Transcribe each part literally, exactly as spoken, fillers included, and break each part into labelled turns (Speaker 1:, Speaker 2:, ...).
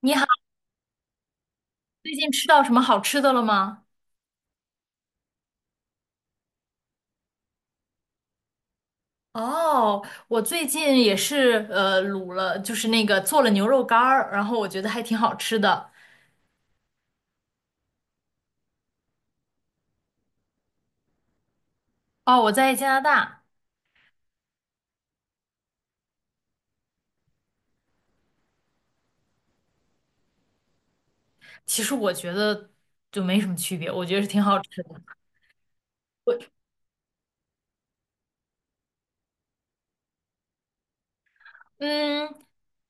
Speaker 1: 你好，最近吃到什么好吃的了吗？哦，我最近也是呃卤了，就是那个做了牛肉干儿，然后我觉得还挺好吃的。哦，我在加拿大，其实我觉得就没什么区别，我觉得是挺好吃的。我嗯，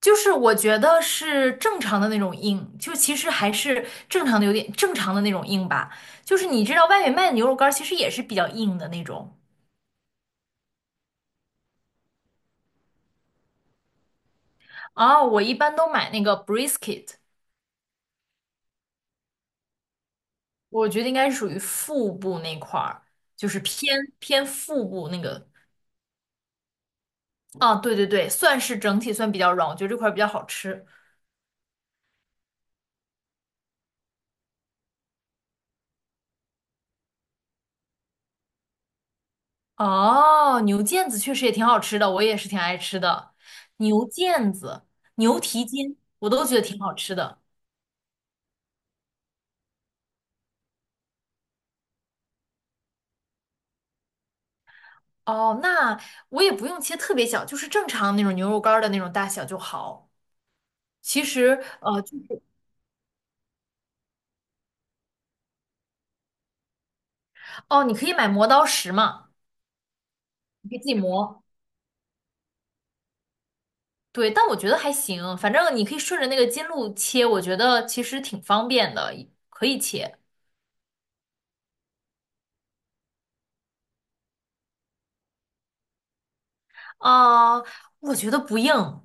Speaker 1: 就是我觉得是正常的那种硬，就其实还是正常的有点正常的那种硬吧。就是你知道外面卖的牛肉干儿其实也是比较硬的那种。哦，我一般都买那个 brisket。我觉得应该是属于腹部那块儿，就是偏偏腹部那个。啊，对对对，算是整体算比较软，我觉得这块儿比较好吃。哦，牛腱子确实也挺好吃的，我也是挺爱吃的。牛腱子、牛蹄筋，我都觉得挺好吃的。哦，那我也不用切特别小，就是正常那种牛肉干儿的那种大小就好。其实，呃，就是哦，你可以买磨刀石嘛，你可以自己磨。对，但我觉得还行，反正你可以顺着那个筋路切，我觉得其实挺方便的，可以切。啊、我觉得不硬。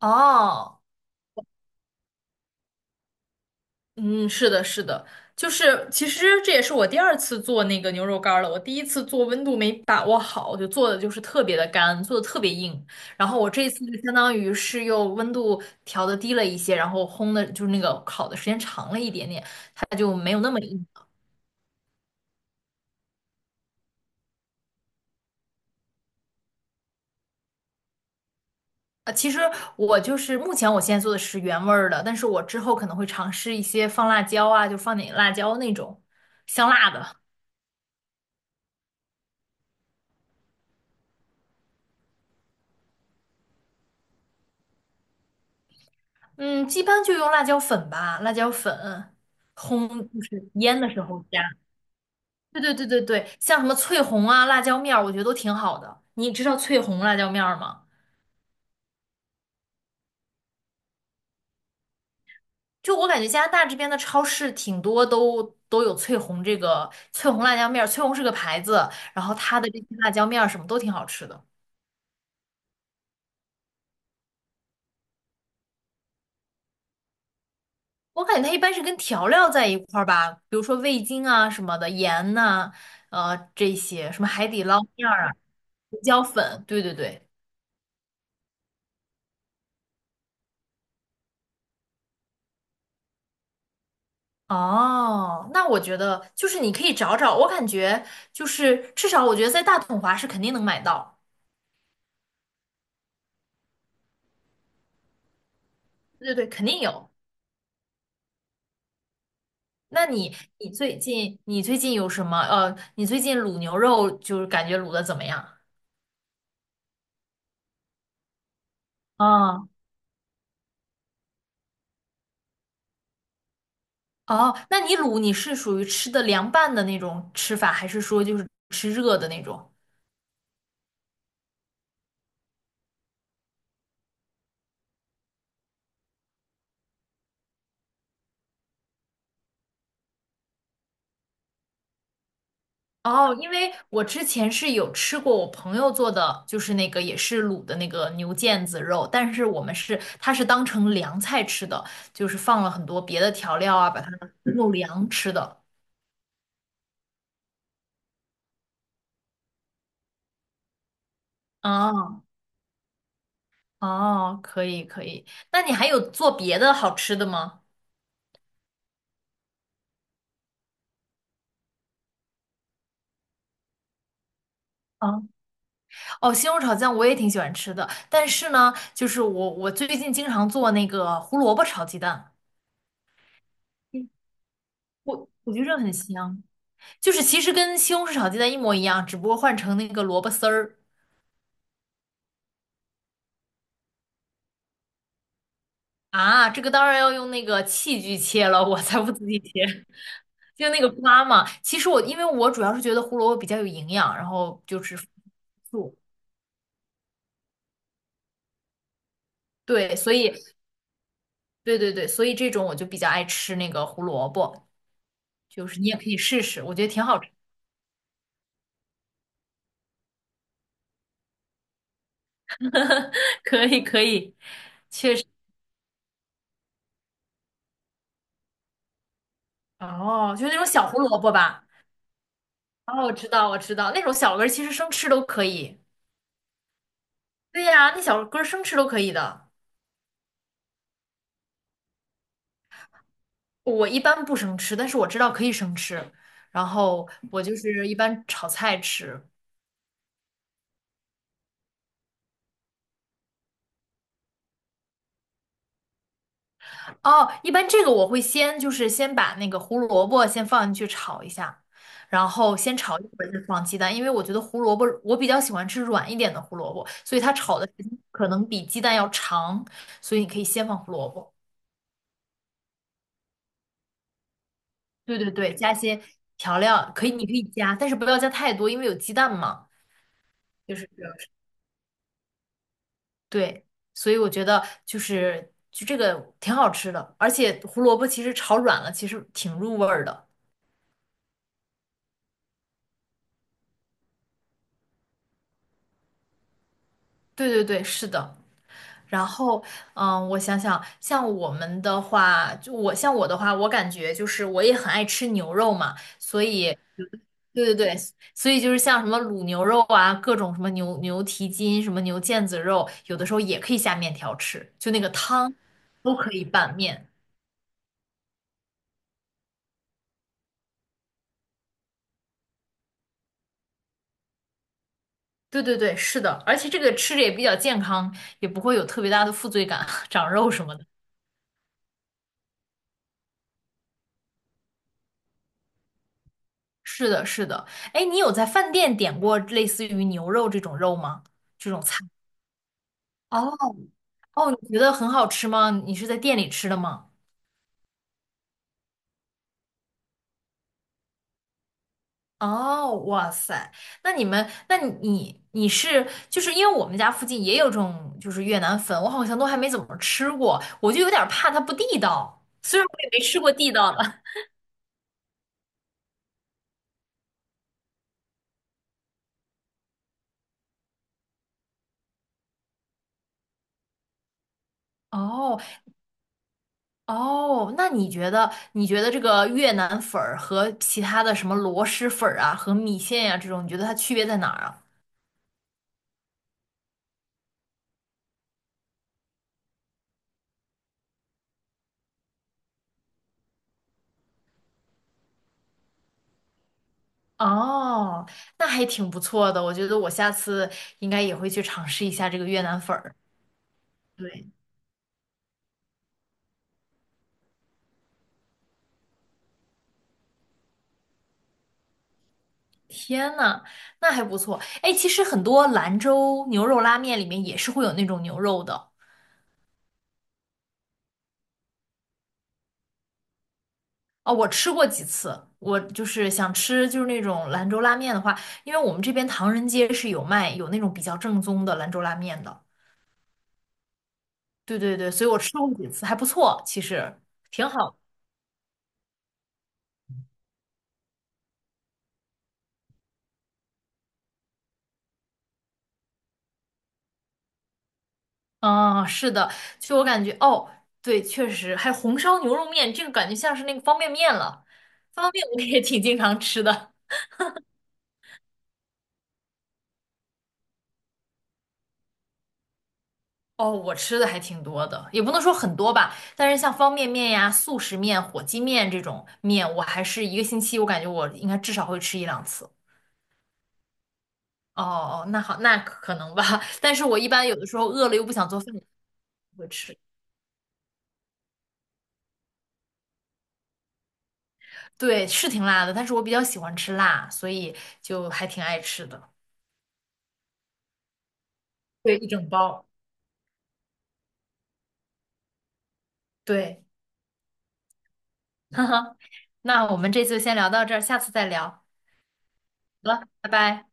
Speaker 1: 哦，嗯，是的，是的，就是其实这也是我第二次做那个牛肉干儿了。我第一次做温度没把握好，就做的就是特别的干，做的特别硬。然后我这次就相当于是又温度调的低了一些，然后烘的就是那个烤的时间长了一点点，它就没有那么硬。呃，其实我就是目前我现在做的是原味儿的，但是我之后可能会尝试一些放辣椒啊，就放点辣椒那种香辣的。嗯，一般就用辣椒粉吧，辣椒粉烘就是腌的时候加。对对对对对，像什么翠红啊、辣椒面儿，我觉得都挺好的。你知道翠红辣椒面儿吗？就我感觉加拿大这边的超市挺多都都有翠红这个翠红辣椒面儿，翠红是个牌子，然后它的这些辣椒面儿什么都挺好吃的。我感觉它一般是跟调料在一块儿吧，比如说味精啊什么的，盐呐、呃这些，什么海底捞面儿啊，胡椒粉，对对对。哦，那我觉得就是你可以找找，我感觉就是至少我觉得在大统华是肯定能买到，对对对，肯定有。那你你最近你最近有什么？呃，你最近卤牛肉就是感觉卤的怎么样？哦哦，那你卤你是属于吃的凉拌的那种吃法，还是说就是吃热的那种？哦，因为我之前是有吃过我朋友做的，就是那个也是卤的那个牛腱子肉，但是我们是它是当成凉菜吃的，就是放了很多别的调料啊，把它弄凉吃的。哦哦，可以可以，那你还有做别的好吃的吗？啊，哦，西红柿炒酱我也挺喜欢吃的，但是呢，就是我我最近经常做那个胡萝卜炒鸡蛋，嗯我我觉得这很香。就是其实跟西红柿炒鸡蛋一模一样，只不过换成那个萝卜丝儿啊。这个当然要用那个器具切了，我才不自己切，就那个刮嘛。其实我因为我主要是觉得胡萝卜比较有营养，然后就是素，对，所以对对对，所以这种我就比较爱吃那个胡萝卜，就是你也可以试试，我觉得挺好吃，可以可以。哦，就是那种小胡萝卜吧。哦，我知道我知道，那种小根儿其实生吃都可以。对呀，那小根儿生吃都可以的。我一般不生吃，但是我知道可以生吃，然后我就是一般炒菜吃。哦，一般这个我会先就是先把那个胡萝卜先放进去炒一下，然后先炒一会儿再放鸡蛋，因为我觉得胡萝卜我比较喜欢吃软一点的胡萝卜，所以它炒的时间可能比鸡蛋要长，所以你可以先放胡萝卜。对对对，加一些调料，可以，你可以加，但是不要加太多，因为有鸡蛋嘛，就是对，所以我觉得就是就这个挺好吃的，而且胡萝卜其实炒软了，其实挺入味儿的。对对对，是的。然后，嗯，我想想，像我们的话，就我像我的话，我感觉就是我也很爱吃牛肉嘛，所以，对对对，所以就是像什么卤牛肉啊，各种什么牛牛蹄筋、什么牛腱子肉，有的时候也可以下面条吃，就那个汤都可以拌面。对对对，是的，而且这个吃着也比较健康，也不会有特别大的负罪感，长肉什么的。是的，是的。哎，你有在饭店点过类似于牛肉这种肉吗？这种菜？哦哦，你觉得很好吃吗？你是在店里吃的吗？哦，哇塞，那你们，那你你你是就是因为我们家附近也有这种就是越南粉，我好像都还没怎么吃过，我就有点怕它不地道，虽然我也没吃过地道的。哦，哦，那你觉得你觉得这个越南粉儿和其他的什么螺蛳粉儿啊，和米线呀、这种，你觉得它区别在哪儿啊？哦，那还挺不错的，我觉得我下次应该也会去尝试一下这个越南粉儿。对，天呐，那还不错。哎，其实很多兰州牛肉拉面里面也是会有那种牛肉的。哦，我吃过几次，我就是想吃就是那种兰州拉面的话，因为我们这边唐人街是有卖有那种比较正宗的兰州拉面的。对对对，所以我吃过几次，还不错，其实挺好的。嗯，是的，就我感觉，哦，对，确实，还有红烧牛肉面，这个感觉像是那个方便面了。方便面我也挺经常吃的，哦，我吃的还挺多的，也不能说很多吧，但是像方便面呀、速食面、火鸡面这种面，我还是一个星期，我感觉我应该至少会吃一两次。哦哦，那好，那可能吧，但是我一般有的时候饿了又不想做饭，会吃。对，是挺辣的，但是我比较喜欢吃辣，所以就还挺爱吃的，对，一整包。对，哈哈，那我们这次先聊到这儿，下次再聊。好了，拜拜。